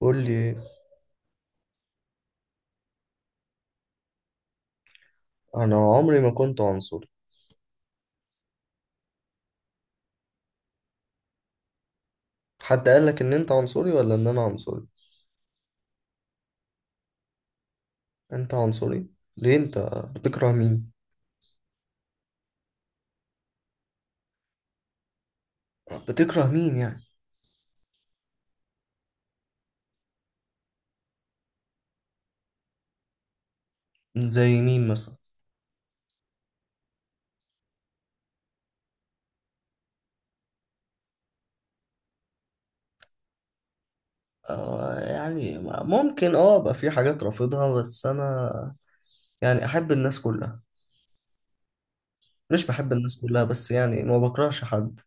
قول لي. انا عمري ما كنت عنصري. حد قال لك ان انت عنصري ولا ان انا عنصري؟ انت عنصري؟ ليه انت بتكره مين؟ بتكره مين يعني؟ زي مين مثلا؟ آه يعني ممكن اه ابقى في حاجات رافضها بس انا يعني احب الناس كلها. مش بحب الناس كلها بس يعني ما بكرهش حد.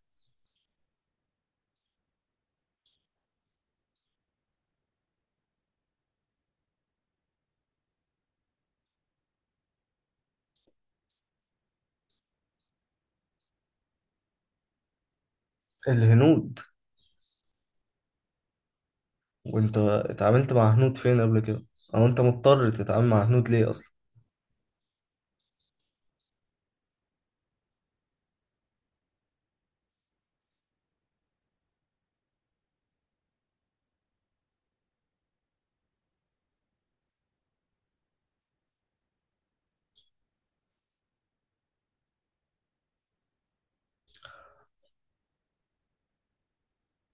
الهنود؟ وانت اتعاملت مع هنود فين قبل كده؟ او انت مضطر تتعامل مع هنود ليه اصلا؟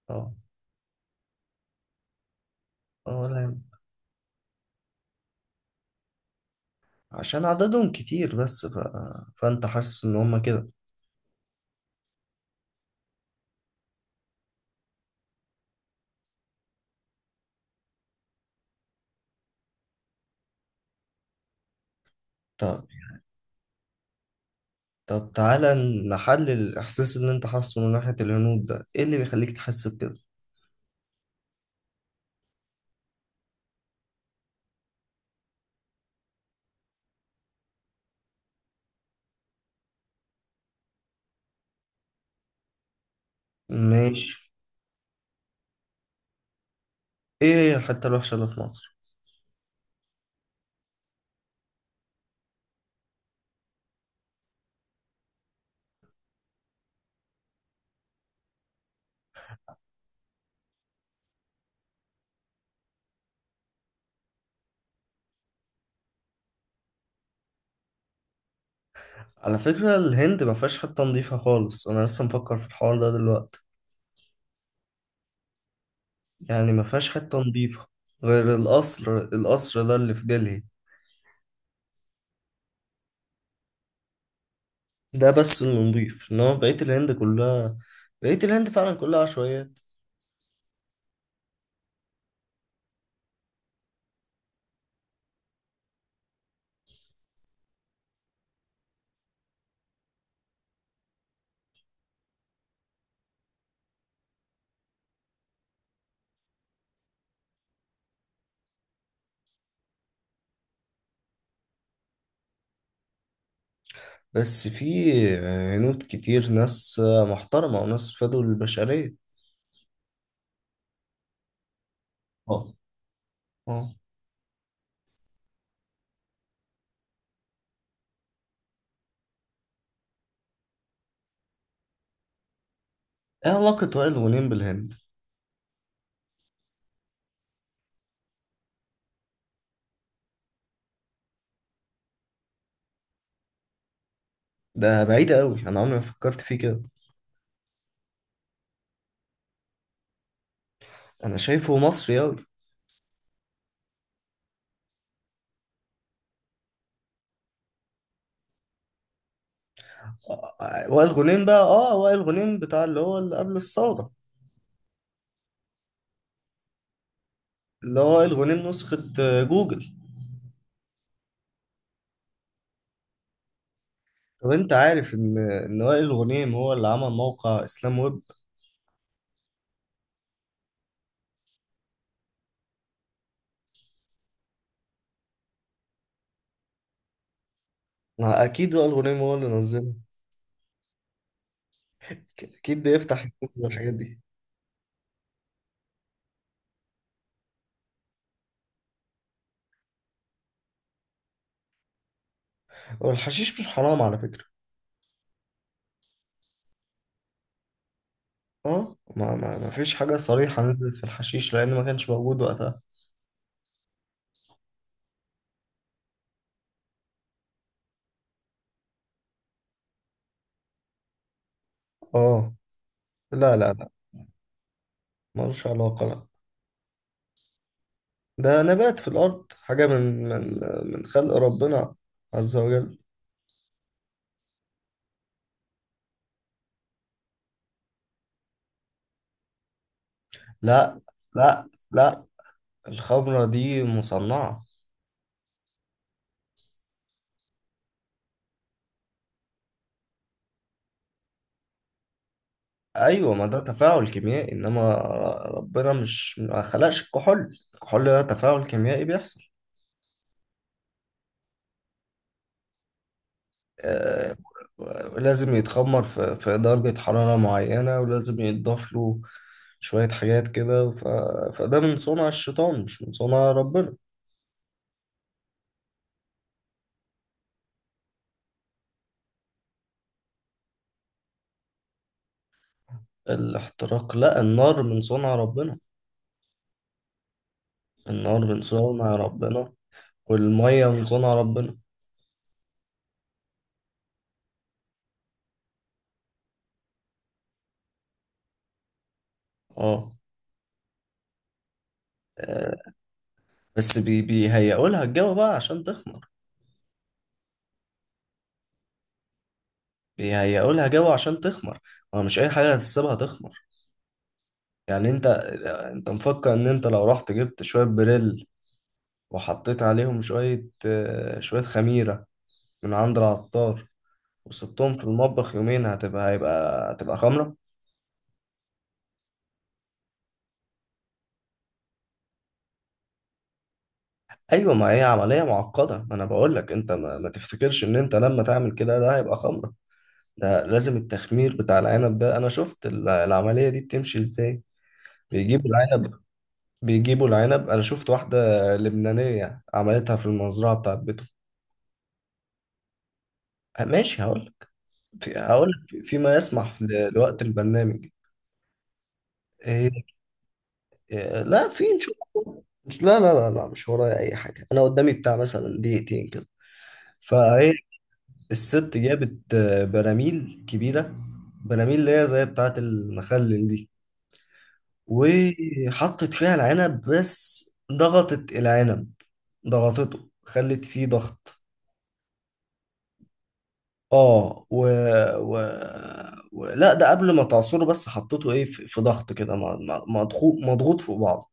اه. اه، لا. عشان عددهم كتير بس فانت حاسس ان هم كده؟ طب، طب تعالى نحلل الإحساس اللي أنت حاسه من ناحية الهنود ده، إيه اللي بيخليك تحس بكده؟ ماشي. إيه هي الحتة الوحشة اللي في مصر؟ على فكرة الهند ما فيهاش حتة نظيفة خالص، أنا لسه مفكر في الحوار ده دلوقتي، يعني ما فيهاش حتة نظيفة غير القصر ده اللي في دلهي. ده بس اللي نظيف، إنما بقية الهند كلها، بقية الهند فعلا كلها عشوائيات. بس في هنود كتير، ناس محترمة وناس فادوا للبشرية. اه. اه. ايه علاقة وائل غنيم بالهند؟ ده بعيدة قوي، انا عمري ما فكرت فيه كده. انا شايفه مصري قوي. وائل غنيم بقى، اه، وائل غنيم بتاع اللي هو اللي قبل الثورة، اللي هو وائل غنيم نسخة جوجل. طب انت عارف ان وائل غنيم هو اللي عمل موقع اسلام ويب؟ ما اكيد وائل غنيم هو اللي نزله، اكيد بيفتح ينزل الحاجات دي. هو الحشيش مش حرام على فكرة. اه، ما فيش حاجة صريحة نزلت في الحشيش لان ما كانش موجود وقتها. اه. لا. ملوش علاقة، لا. ده نبات في الأرض، حاجة من من خلق ربنا عز وجل. لا لا. الخمرة دي مصنعة. أيوة ما ده تفاعل كيميائي، إنما ربنا مش ما خلقش الكحول، الكحول ده تفاعل كيميائي بيحصل. آه. لازم يتخمر في درجة حرارة معينة ولازم يتضاف له شوية حاجات كده، فده من صنع الشيطان مش من صنع ربنا. الاحتراق؟ لا، النار من صنع ربنا. النار من صنع ربنا، والمية من صنع ربنا. اه. آه. بس بيهيئوا لها الجو بقى عشان تخمر. بيهيئوا لها جو عشان تخمر. هو مش اي حاجة هتسيبها تخمر. يعني انت، مفكر ان انت لو رحت جبت شوية بريل وحطيت عليهم شوية، شوية خميرة من عند العطار، وسبتهم في المطبخ يومين هتبقى، هتبقى خمرة؟ ايوه ما هي عملية معقدة، ما انا بقول لك انت ما تفتكرش ان انت لما تعمل كده ده هيبقى خمرة. ده لازم التخمير بتاع العنب ده، انا شفت العملية دي بتمشي ازاي. بيجيبوا العنب، بيجيبوا العنب. انا شفت واحدة لبنانية عملتها في المزرعة بتاعت بيتهم. أه، ماشي هقول. فيما يسمح لوقت البرنامج. إيه؟ إيه، لا في نشوف. مش، لا، مش ورايا اي حاجة، انا قدامي بتاع مثلا دقيقتين كده، فايه. الست جابت، آه، براميل كبيرة، براميل اللي هي زي بتاعت المخلل دي، وحطت فيها العنب بس ضغطت العنب. ضغطته، خلت فيه ضغط. اه. و... لا ده قبل ما تعصره، بس حطيته ايه في، ضغط كده، مضغوط، مضغوط فوق بعضه،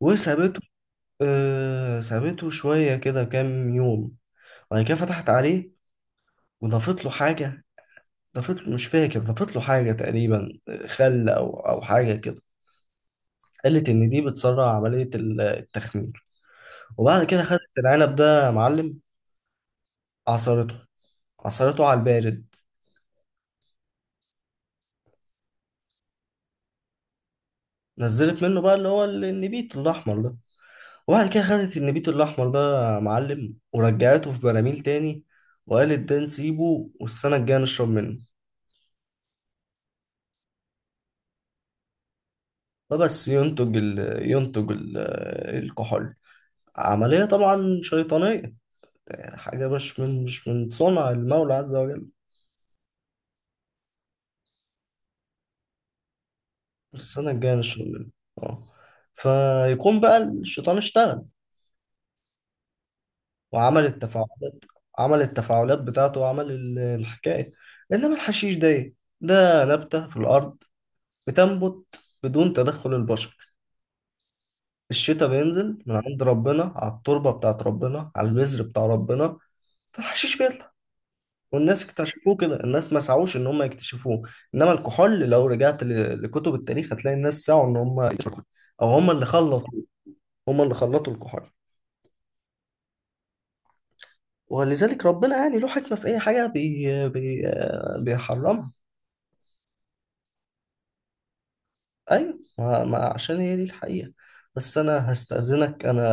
وسابته. آه، سابته شوية كده كام يوم، بعد كده فتحت عليه وضافت له حاجة. ضافت له، مش فاكر ضافت له حاجة تقريبا، آه، خل أو حاجة كده. قالت إن دي بتسرع عملية التخمير، وبعد كده خدت العنب ده يا معلم، عصرته، عصرته على البارد، نزلت منه بقى اللي هو النبيت الأحمر ده. وبعد كده خدت النبيت الأحمر ده يا معلم ورجعته في براميل تاني، وقالت ده نسيبه والسنة الجاية نشرب منه. فبس ينتج ينتج ال... الكحول. عملية طبعا شيطانية، يعني حاجة مش من صنع المولى عز وجل. السنة الجاية نشرب منه. اه، فيكون بقى الشيطان اشتغل وعمل التفاعلات. عمل التفاعلات بتاعته وعمل الحكاية. إنما الحشيش ده إيه؟ ده نبتة في الأرض بتنبت بدون تدخل البشر، الشتاء بينزل من عند ربنا على التربة بتاعت ربنا على البذر بتاع ربنا، فالحشيش بيطلع، والناس اكتشفوه كده، الناس ما سعوش ان هم يكتشفوه. انما الكحول لو رجعت لكتب التاريخ هتلاقي الناس سعوا ان هم يكتشفوه، او هم اللي خلطوا، هم اللي خلطوا الكحول. ولذلك ربنا يعني له حكمة في اي حاجة بي بي بيحرمها. ايوه، ما عشان هي دي الحقيقة. بس انا هستأذنك، انا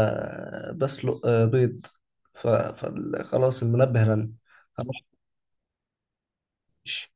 بسلق، آه، بيض، فخلاص المنبه رن، هروح. أمشي.